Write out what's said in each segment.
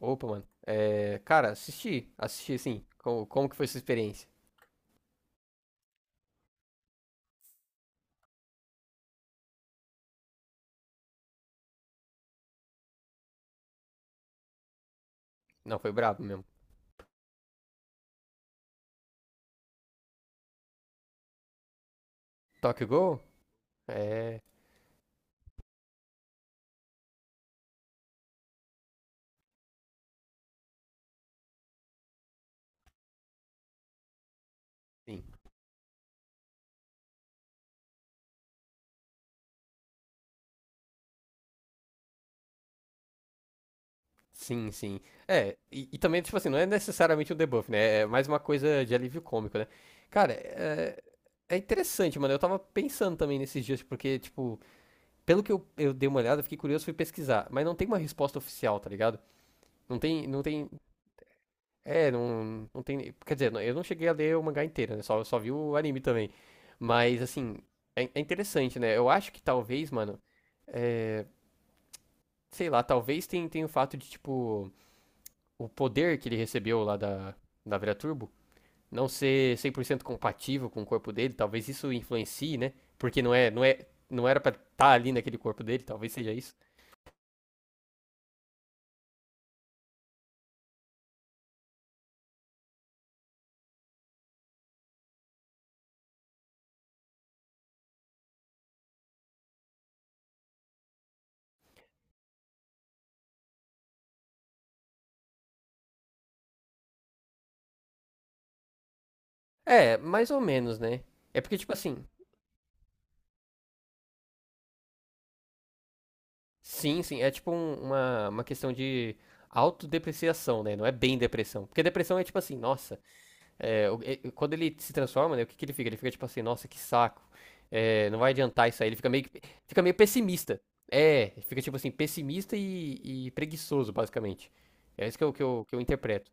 Opa, mano. É, cara, assisti. Assisti, assim. Como que foi sua experiência? Não, foi brabo mesmo. Tokyo Ghoul? É. Sim. Sim, sim. É, e também, tipo assim, não é necessariamente um debuff, né? É mais uma coisa de alívio cômico, né? Cara, é, interessante, mano. Eu tava pensando também nesses dias, porque, tipo, pelo que eu dei uma olhada, eu fiquei curioso, fui pesquisar. Mas não tem uma resposta oficial, tá ligado? Não tem. É, não tem. Quer dizer, eu não cheguei a ler o mangá inteiro, né? Só vi o anime também. Mas, assim, é, interessante, né? Eu acho que talvez, mano, é, sei lá, talvez tenha tem o fato de, tipo, o poder que ele recebeu lá da Vera Turbo não ser 100% compatível com o corpo dele. Talvez isso influencie, né? Porque não era pra estar ali naquele corpo dele, talvez seja isso. É, mais ou menos, né? É porque, tipo assim, sim, sim. É tipo uma questão de autodepreciação, né? Não é bem depressão. Porque depressão é tipo assim, nossa. Quando ele se transforma, né? O que que ele fica? Ele fica tipo assim, nossa, que saco. Não vai adiantar isso aí. Ele fica meio pessimista. É, fica tipo assim, pessimista e preguiçoso, basicamente. É isso que eu, interpreto.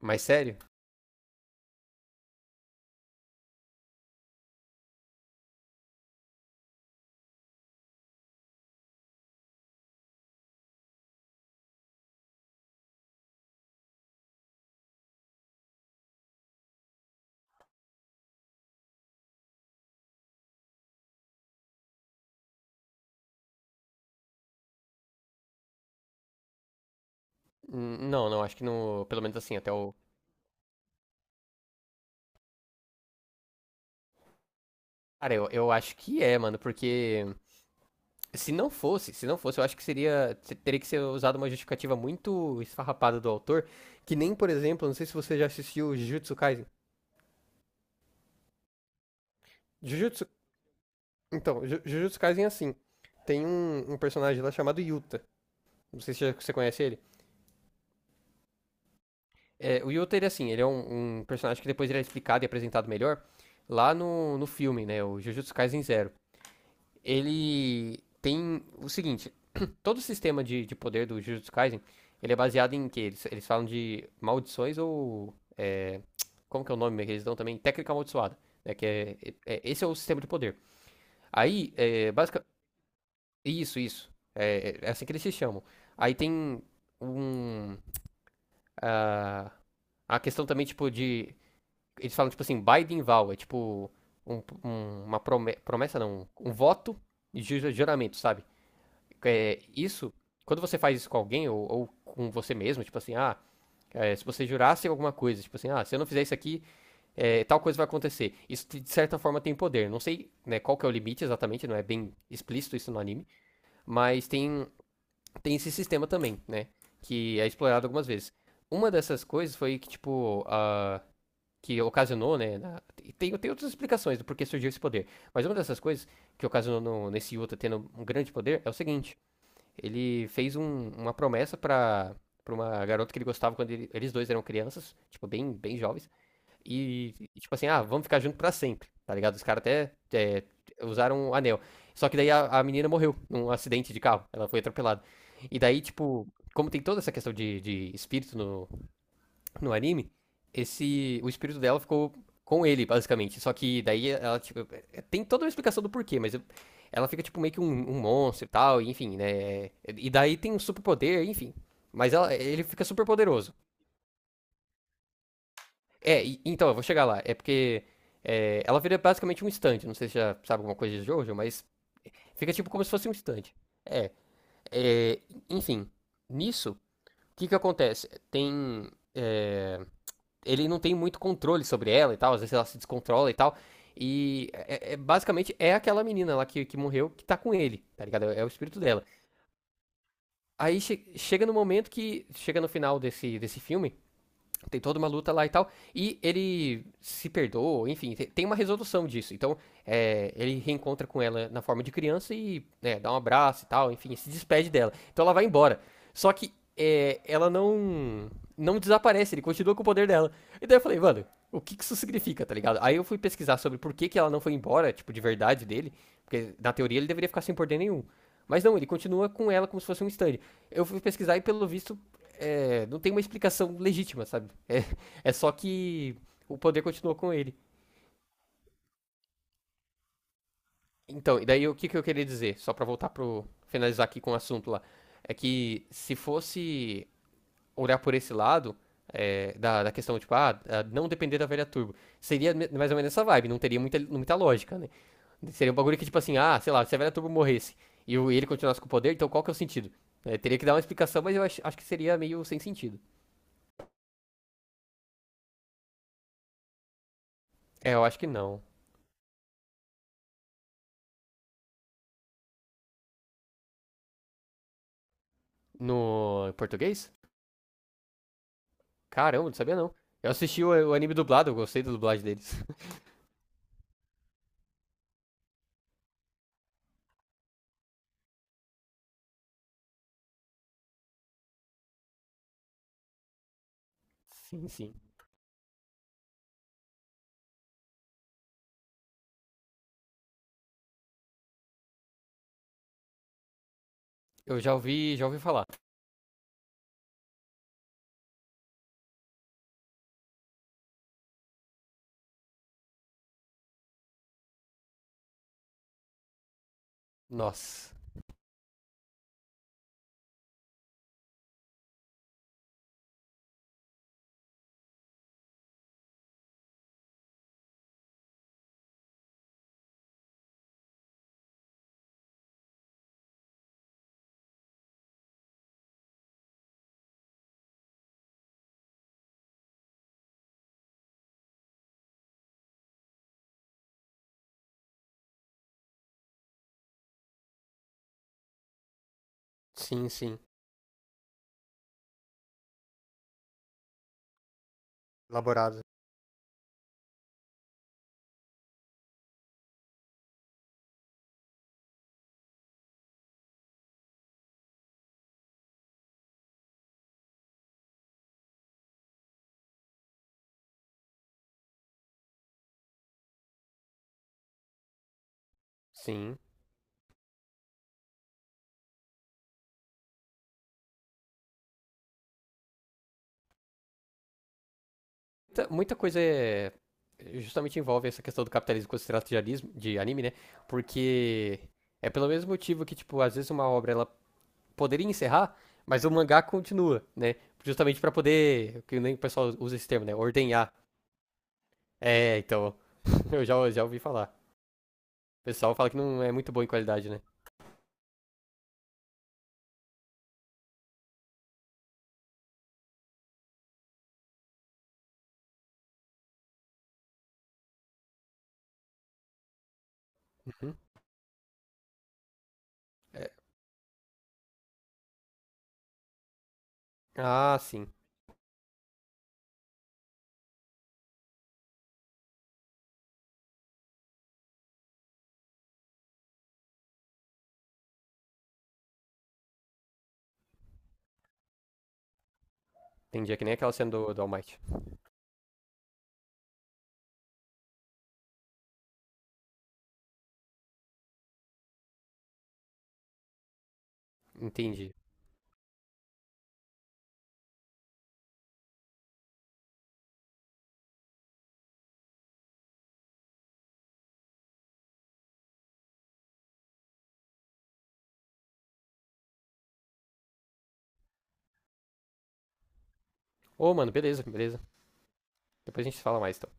Mas sério? Não, não. Acho que no. Pelo menos assim, até o. Cara, eu acho que é, mano. Porque. Se não fosse, eu acho que seria. Teria que ser usado uma justificativa muito esfarrapada do autor. Que nem, por exemplo, não sei se você já assistiu Jujutsu Kaisen. Jujutsu. Então, Jujutsu Kaisen é assim. Tem um, personagem lá chamado Yuta. Não sei se você conhece ele. É, o Yuta, ele é assim, ele é um, personagem que depois ele é explicado e apresentado melhor lá no filme, né? O Jujutsu Kaisen Zero. Ele tem o seguinte: todo o sistema de, poder do Jujutsu Kaisen, ele é baseado em que eles falam de maldições ou como que é o nome que eles dão também? Técnica amaldiçoada, né? Que esse é o sistema de poder. Aí, basicamente, isso, isso. É, é assim que eles se chamam. Aí tem um ah, a questão também tipo de eles falam tipo assim, Biden vow, é tipo uma promessa não, um voto de juramento, sabe? É, isso, quando você faz isso com alguém ou com você mesmo, tipo assim, se você jurasse alguma coisa, tipo assim, ah, se eu não fizer isso aqui, tal coisa vai acontecer. Isso de certa forma tem poder. Não sei né, qual que é o limite exatamente, não é bem explícito isso no anime, mas tem, esse sistema também, né? Que é explorado algumas vezes. Uma dessas coisas foi que, tipo, a que ocasionou, né? Tem outras explicações do porquê surgiu esse poder. Mas uma dessas coisas que ocasionou nesse Yuta tendo um grande poder é o seguinte: ele fez uma promessa pra uma garota que ele gostava quando eles dois eram crianças, tipo, bem, bem jovens. E tipo assim, vamos ficar junto pra sempre, tá ligado? Os caras até usaram um anel. Só que daí a, menina morreu num acidente de carro. Ela foi atropelada. E daí, tipo, como tem toda essa questão de, espírito no anime, esse o espírito dela ficou com ele, basicamente. Só que daí ela, tipo, tem toda uma explicação do porquê, mas ela fica, tipo, meio que um monstro e tal, enfim, né? E daí tem um superpoder, enfim. Mas ele fica super poderoso. É, então, eu vou chegar lá. É porque ela vira basicamente um stand. Não sei se já sabe alguma coisa de Jojo, mas fica tipo como se fosse um stand. É, é, enfim. Nisso, o que que acontece? Tem. é, Ele não tem muito controle sobre ela e tal, às vezes ela se descontrola e tal. E basicamente é aquela menina lá que morreu que tá com ele, tá ligado? É o espírito dela. Aí chega no momento que. Chega no final desse filme tem toda uma luta lá e tal. E ele se perdoa, enfim, tem uma resolução disso. Então, ele reencontra com ela na forma de criança e né, dá um abraço e tal, enfim, se despede dela. Então ela vai embora. Só que ela não desaparece, ele continua com o poder dela. E daí eu falei, mano, o que que isso significa, tá ligado? Aí eu fui pesquisar sobre por que que ela não foi embora, tipo, de verdade dele. Porque na teoria ele deveria ficar sem poder nenhum. Mas não, ele continua com ela como se fosse um stand. Eu fui pesquisar e pelo visto não tem uma explicação legítima, sabe? É, é só que o poder continuou com ele. Então, e daí o que, que eu queria dizer, só pra voltar pro. Finalizar aqui com o assunto lá. É que se fosse olhar por esse lado, da, questão, tipo, não depender da velha turbo. Seria mais ou menos essa vibe, não teria muita, muita lógica, né? Seria um bagulho que, tipo assim, sei lá, se a velha turbo morresse e ele continuasse com o poder, então qual que é o sentido? É, teria que dar uma explicação, mas eu acho, que seria meio sem sentido. É, eu acho que não. No português? Caramba, não sabia não. Eu assisti o, anime dublado, eu gostei da dublagem deles. Sim, sim. Eu já ouvi falar. Nossa. Sim, sim. Elaborado. Sim. Muita, muita coisa é. Justamente envolve essa questão do capitalismo quando se trata de anime, né? Porque é pelo mesmo motivo que, tipo, às vezes uma obra ela poderia encerrar, mas o mangá continua, né? Justamente pra poder. Que nem o pessoal usa esse termo, né? Ordenhar. É, então. Eu já, ouvi falar. O pessoal fala que não é muito bom em qualidade, né? Uhum. É, ah, sim. Entendi. É que nem aquela cena do, All Might. Entendi. Ô, mano, beleza, beleza. Depois a gente fala mais, então.